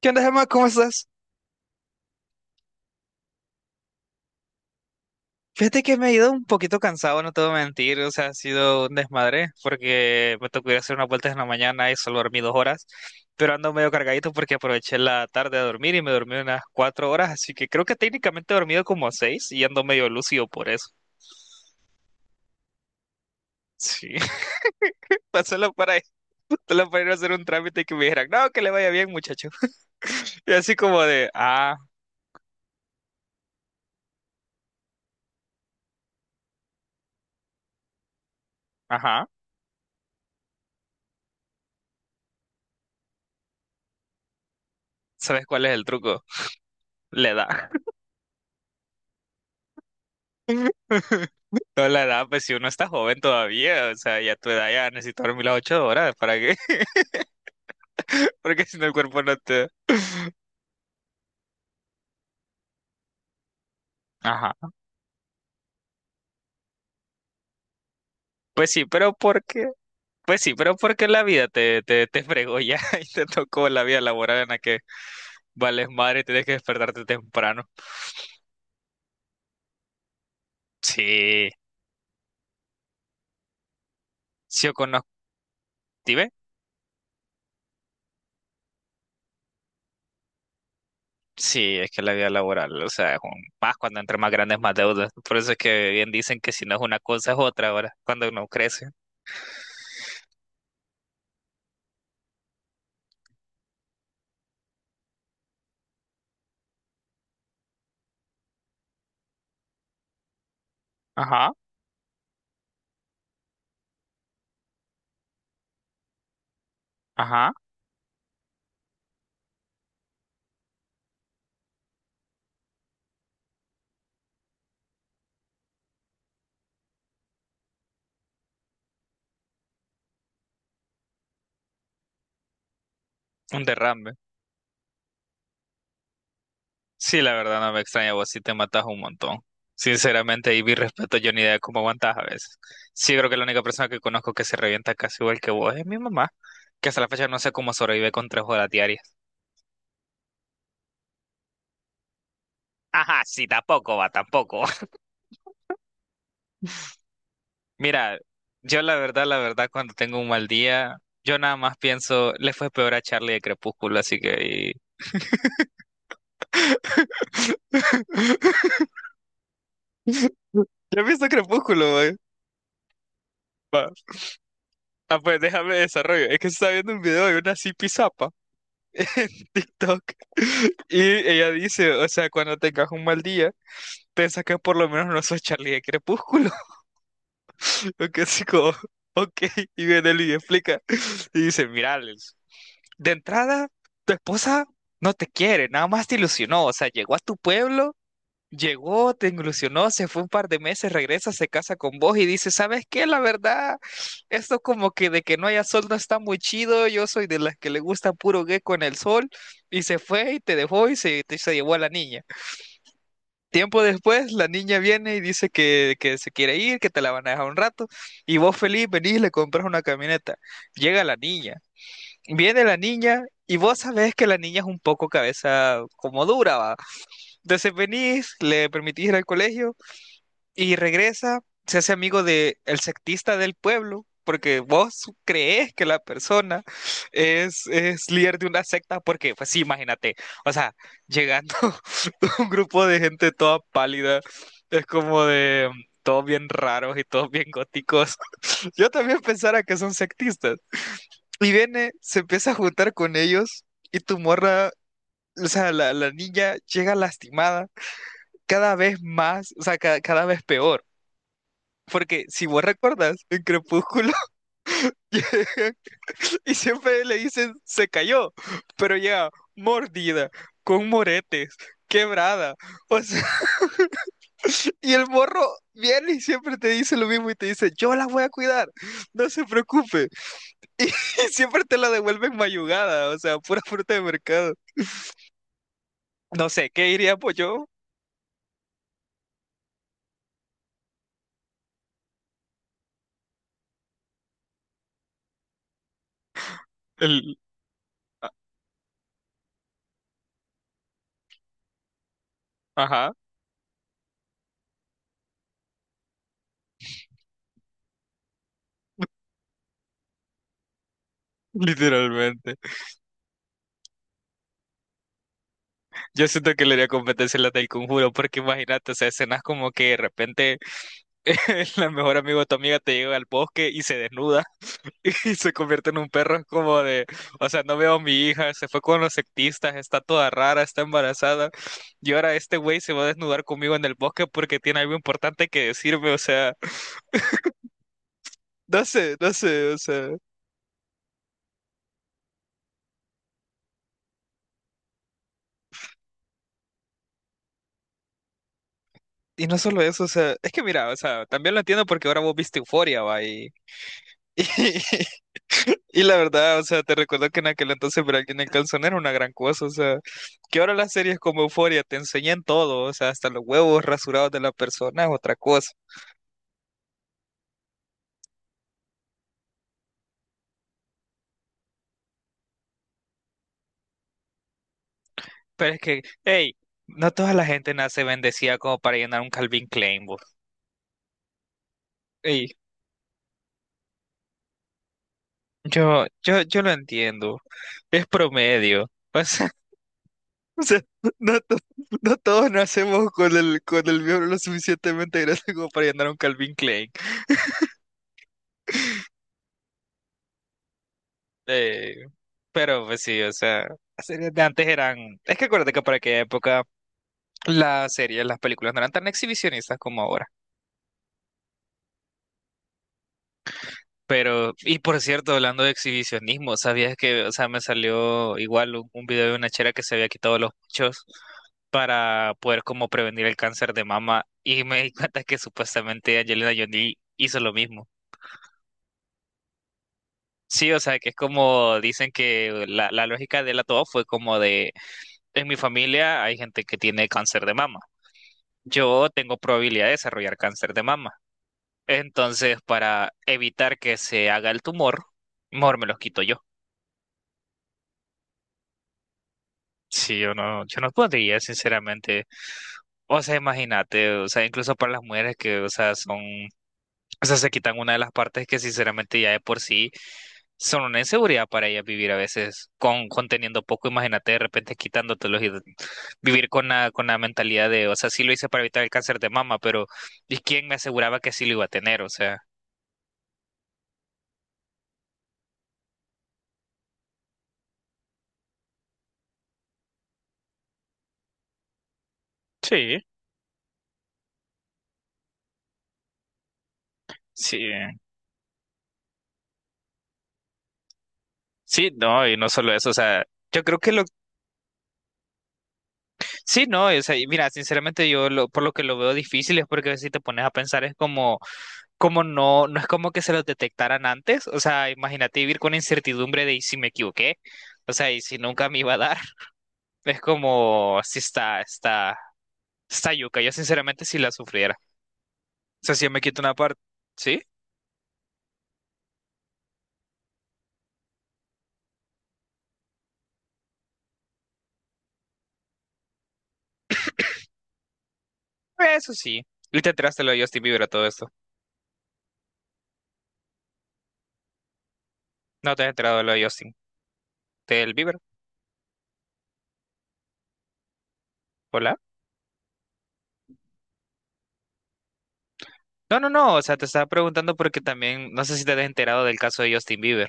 ¿Qué onda, Gemma? ¿Cómo estás? Fíjate que me he ido un poquito cansado, no te voy a mentir, o sea, ha sido un desmadre porque me tocó ir a hacer unas vueltas en la mañana y solo dormí 2 horas, pero ando medio cargadito porque aproveché la tarde a dormir y me dormí unas 4 horas, así que creo que técnicamente he dormido como seis y ando medio lúcido por eso. Sí, pa- solo para, solo para ir a hacer un trámite y que me dijeran, no, que le vaya bien, muchacho. Y así como de, ajá, ¿sabes cuál es el truco? Le da. No la edad, pues si uno está joven todavía, o sea, y a tu edad ya necesito dormir las 8 horas, ¿para qué? Porque si no el cuerpo no te... Ajá. Pues sí, pero porque Pues sí, pero porque la vida te fregó ya y te tocó la vida laboral en la que vales madre y tienes que despertarte temprano. Sí, sí yo conozco, ¿sí ve? Sí, es que la vida laboral, o sea, es un, más cuando entre más grandes más deudas. Por eso es que bien dicen que si no es una cosa es otra ahora, cuando uno crece. Ajá, ajá, un derrame. Sí, la verdad no me extraña, vos sí te matas un montón. Sinceramente, y mi respeto, yo ni idea de cómo aguantas a veces. Sí, creo que la única persona que conozco que se revienta casi igual que vos es mi mamá, que hasta la fecha no sé cómo sobrevive con 3 horas diarias. Ajá, sí, tampoco va, tampoco. Mira, yo la verdad, cuando tengo un mal día, yo nada más pienso, le fue peor a Charlie de Crepúsculo, así que... y- Yo he visto Crepúsculo, güey. Va. Ah, pues déjame desarrollo. Es que se está viendo un video de una Zipi en TikTok, y ella dice, o sea, cuando tengas un mal día, piensa que por lo menos no sos Charlie de Crepúsculo. Lo que así como, ok, y viene él y explica. Y dice, mira, Alex, de entrada, tu esposa no te quiere, nada más te ilusionó, o sea, llegó a tu pueblo Llegó, te ilusionó, se fue un par de meses, regresa, se casa con vos y dice, ¿sabes qué? La verdad, esto como que de que no haya sol no está muy chido, yo soy de las que le gusta puro gecko en el sol, y se fue y te dejó y se llevó a la niña. Tiempo después, la niña viene y dice que se quiere ir, que te la van a dejar un rato, y vos feliz venís y le compras una camioneta. Llega la niña, viene la niña... Y vos sabés que la niña es un poco cabeza como dura, va. Entonces venís, le permitís ir al colegio, y regresa, se hace amigo de el sectista del pueblo, porque vos crees que la persona es líder de una secta, porque, pues sí, imagínate, o sea, llegando un grupo de gente toda pálida, es como de todos bien raros y todos bien góticos. Yo también pensara que son sectistas. Y viene, se empieza a juntar con ellos y tu morra, o sea, la niña llega lastimada cada vez más, o sea, cada vez peor. Porque si vos recuerdas, en Crepúsculo llegan y siempre le dicen se cayó, pero ya mordida, con moretes, quebrada. O sea, y el morro viene y siempre te dice lo mismo y te dice, yo la voy a cuidar, no se preocupe. Y siempre te la devuelven mayugada, o sea, pura fruta de mercado. No sé, ¿qué diría pues yo? El... a- Ajá. Literalmente. Yo siento que le haría competencia a la del conjuro, porque imagínate, o sea, escenas como que de repente la mejor amigo de tu amiga te llega al bosque y se desnuda y se convierte en un perro. Es como de, o sea, no veo a mi hija, se fue con los sectistas, está toda rara, está embarazada. Y ahora este güey se va a desnudar conmigo en el bosque porque tiene algo importante que decirme. O sea, no sé, no sé, o sea. Y no solo eso, o sea, es que mira, o sea, también lo entiendo porque ahora vos viste Euforia, va, y, y la verdad, o sea, te recuerdo que en aquel entonces ver a alguien en calzón era una gran cosa, o sea, que ahora las series como Euforia te enseñan todo, o sea, hasta los huevos rasurados de la persona es otra cosa. Pero es que, hey, no toda la gente nace bendecida como para llenar un Calvin Klein, vos. Ey, yo lo entiendo, es promedio, o sea, o sea, no, no todos nacemos con el miembro lo suficientemente grande como para llenar un Calvin Klein. Pero pues sí, o sea, las series de antes eran... Es que acuérdate que para aquella época las series, las películas no eran tan exhibicionistas como ahora. Pero, y por cierto, hablando de exhibicionismo, ¿sabías que, o sea, me salió igual un video de una chera que se había quitado los pechos para poder como prevenir el cáncer de mama y me di cuenta que supuestamente Angelina Jolie hizo lo mismo. Sí, o sea, que es como dicen que la, lógica de la todo fue como de, en mi familia hay gente que tiene cáncer de mama. Yo tengo probabilidad de desarrollar cáncer de mama. Entonces, para evitar que se haga el tumor, mejor me los quito yo. Sí, yo no, yo no podría, sinceramente. O sea, imagínate, o sea, incluso para las mujeres que, o sea, son, o sea, se quitan una de las partes que sinceramente ya de por sí son una inseguridad para ellas vivir a veces con teniendo poco, imagínate de repente quitándotelos y vivir con la mentalidad de, o sea, sí lo hice para evitar el cáncer de mama, pero ¿y quién me aseguraba que sí lo iba a tener? O sea. Sí, sí, sí, no, y no solo eso, o sea, yo creo que lo, sí, no, o sea, y mira, sinceramente yo lo, por lo que lo veo difícil es porque si te pones a pensar es como, como no, no es como que se los detectaran antes, o sea, imagínate vivir con incertidumbre de y si me equivoqué, o sea, y si nunca me iba a dar, es como, sí está yuca, yo sinceramente sí la sufriera, o sea, si yo me quito una parte, ¿sí? Eso sí, y te enteraste lo de Justin Bieber a todo esto, no te has enterado de lo de Justin, del Bieber, hola. No, no, no, o sea, te estaba preguntando porque también, no sé si te has enterado del caso de Justin Bieber.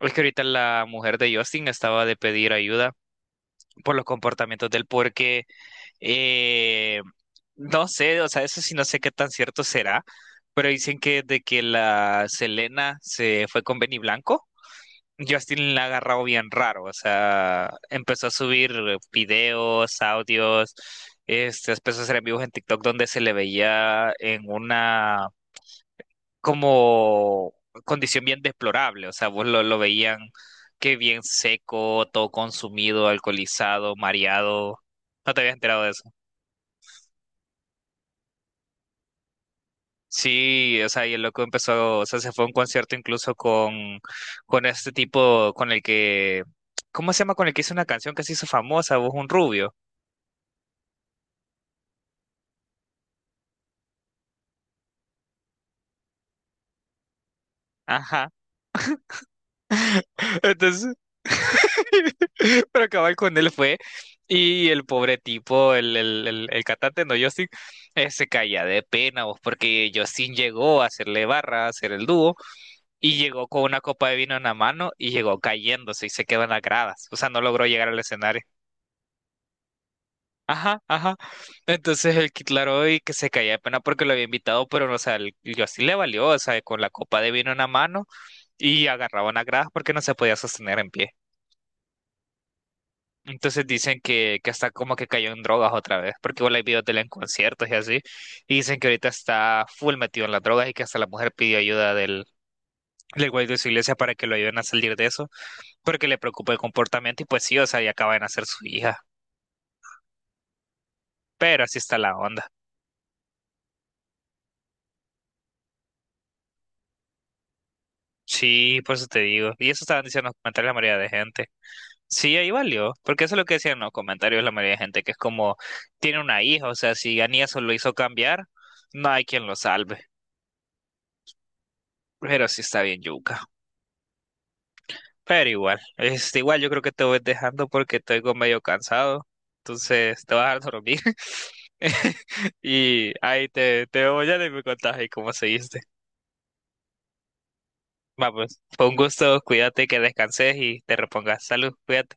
Es que ahorita la mujer de Justin estaba de pedir ayuda por los comportamientos del porque eh, no sé, o sea, eso sí no sé qué tan cierto será, pero dicen que de que la Selena se fue con Benny Blanco, Justin la ha agarrado bien raro, o sea, empezó a subir videos, audios, este, empezó a hacer en vivos en TikTok donde se le veía en una como condición bien deplorable, o sea, vos lo veían que bien seco, todo consumido, alcoholizado, mareado. No te habías enterado de eso. Sí, o sea, y el loco empezó, o sea, se fue a un concierto incluso con este tipo, con el que, ¿cómo se llama? Con el que hizo una canción que se hizo famosa, vos un rubio. Ajá. Entonces, para acabar con él fue, y el pobre tipo, el, el cantante, no, Justin, se caía de pena, vos, porque Justin llegó a hacerle barra, a hacer el dúo, y llegó con una copa de vino en la mano, y llegó cayéndose y se quedó en las gradas, o sea, no logró llegar al escenario. Ajá, ajá. Entonces el Kid Laroi que se caía de pena porque lo había invitado, pero no, o sea, el Justin le valió, o sea, con la copa de vino en la mano y agarraba una gradas porque no se podía sostener en pie. Entonces dicen que hasta como que cayó en drogas otra vez, porque igual hay videos de él en conciertos y así, y dicen que ahorita está full metido en las drogas y que hasta la mujer pidió ayuda del, del güey de su iglesia para que lo ayuden a salir de eso, porque le preocupa el comportamiento y pues sí, o sea, ya acaba de nacer su hija, pero así está la onda. Sí, por eso te digo, y eso estaban diciendo en los comentarios la mayoría de gente. Sí, ahí valió, porque eso es lo que decían en los comentarios la mayoría de gente, que es como, tiene una hija, o sea, si Anies lo hizo cambiar, no hay quien lo salve, pero sí está bien yuca. Pero igual, este, igual yo creo que te voy dejando porque estoy como medio cansado. Entonces te vas a dormir. Y ahí te veo ya y me contás ahí cómo seguiste. Vamos, fue un gusto, cuídate, que descanses y te repongas. Salud, cuídate.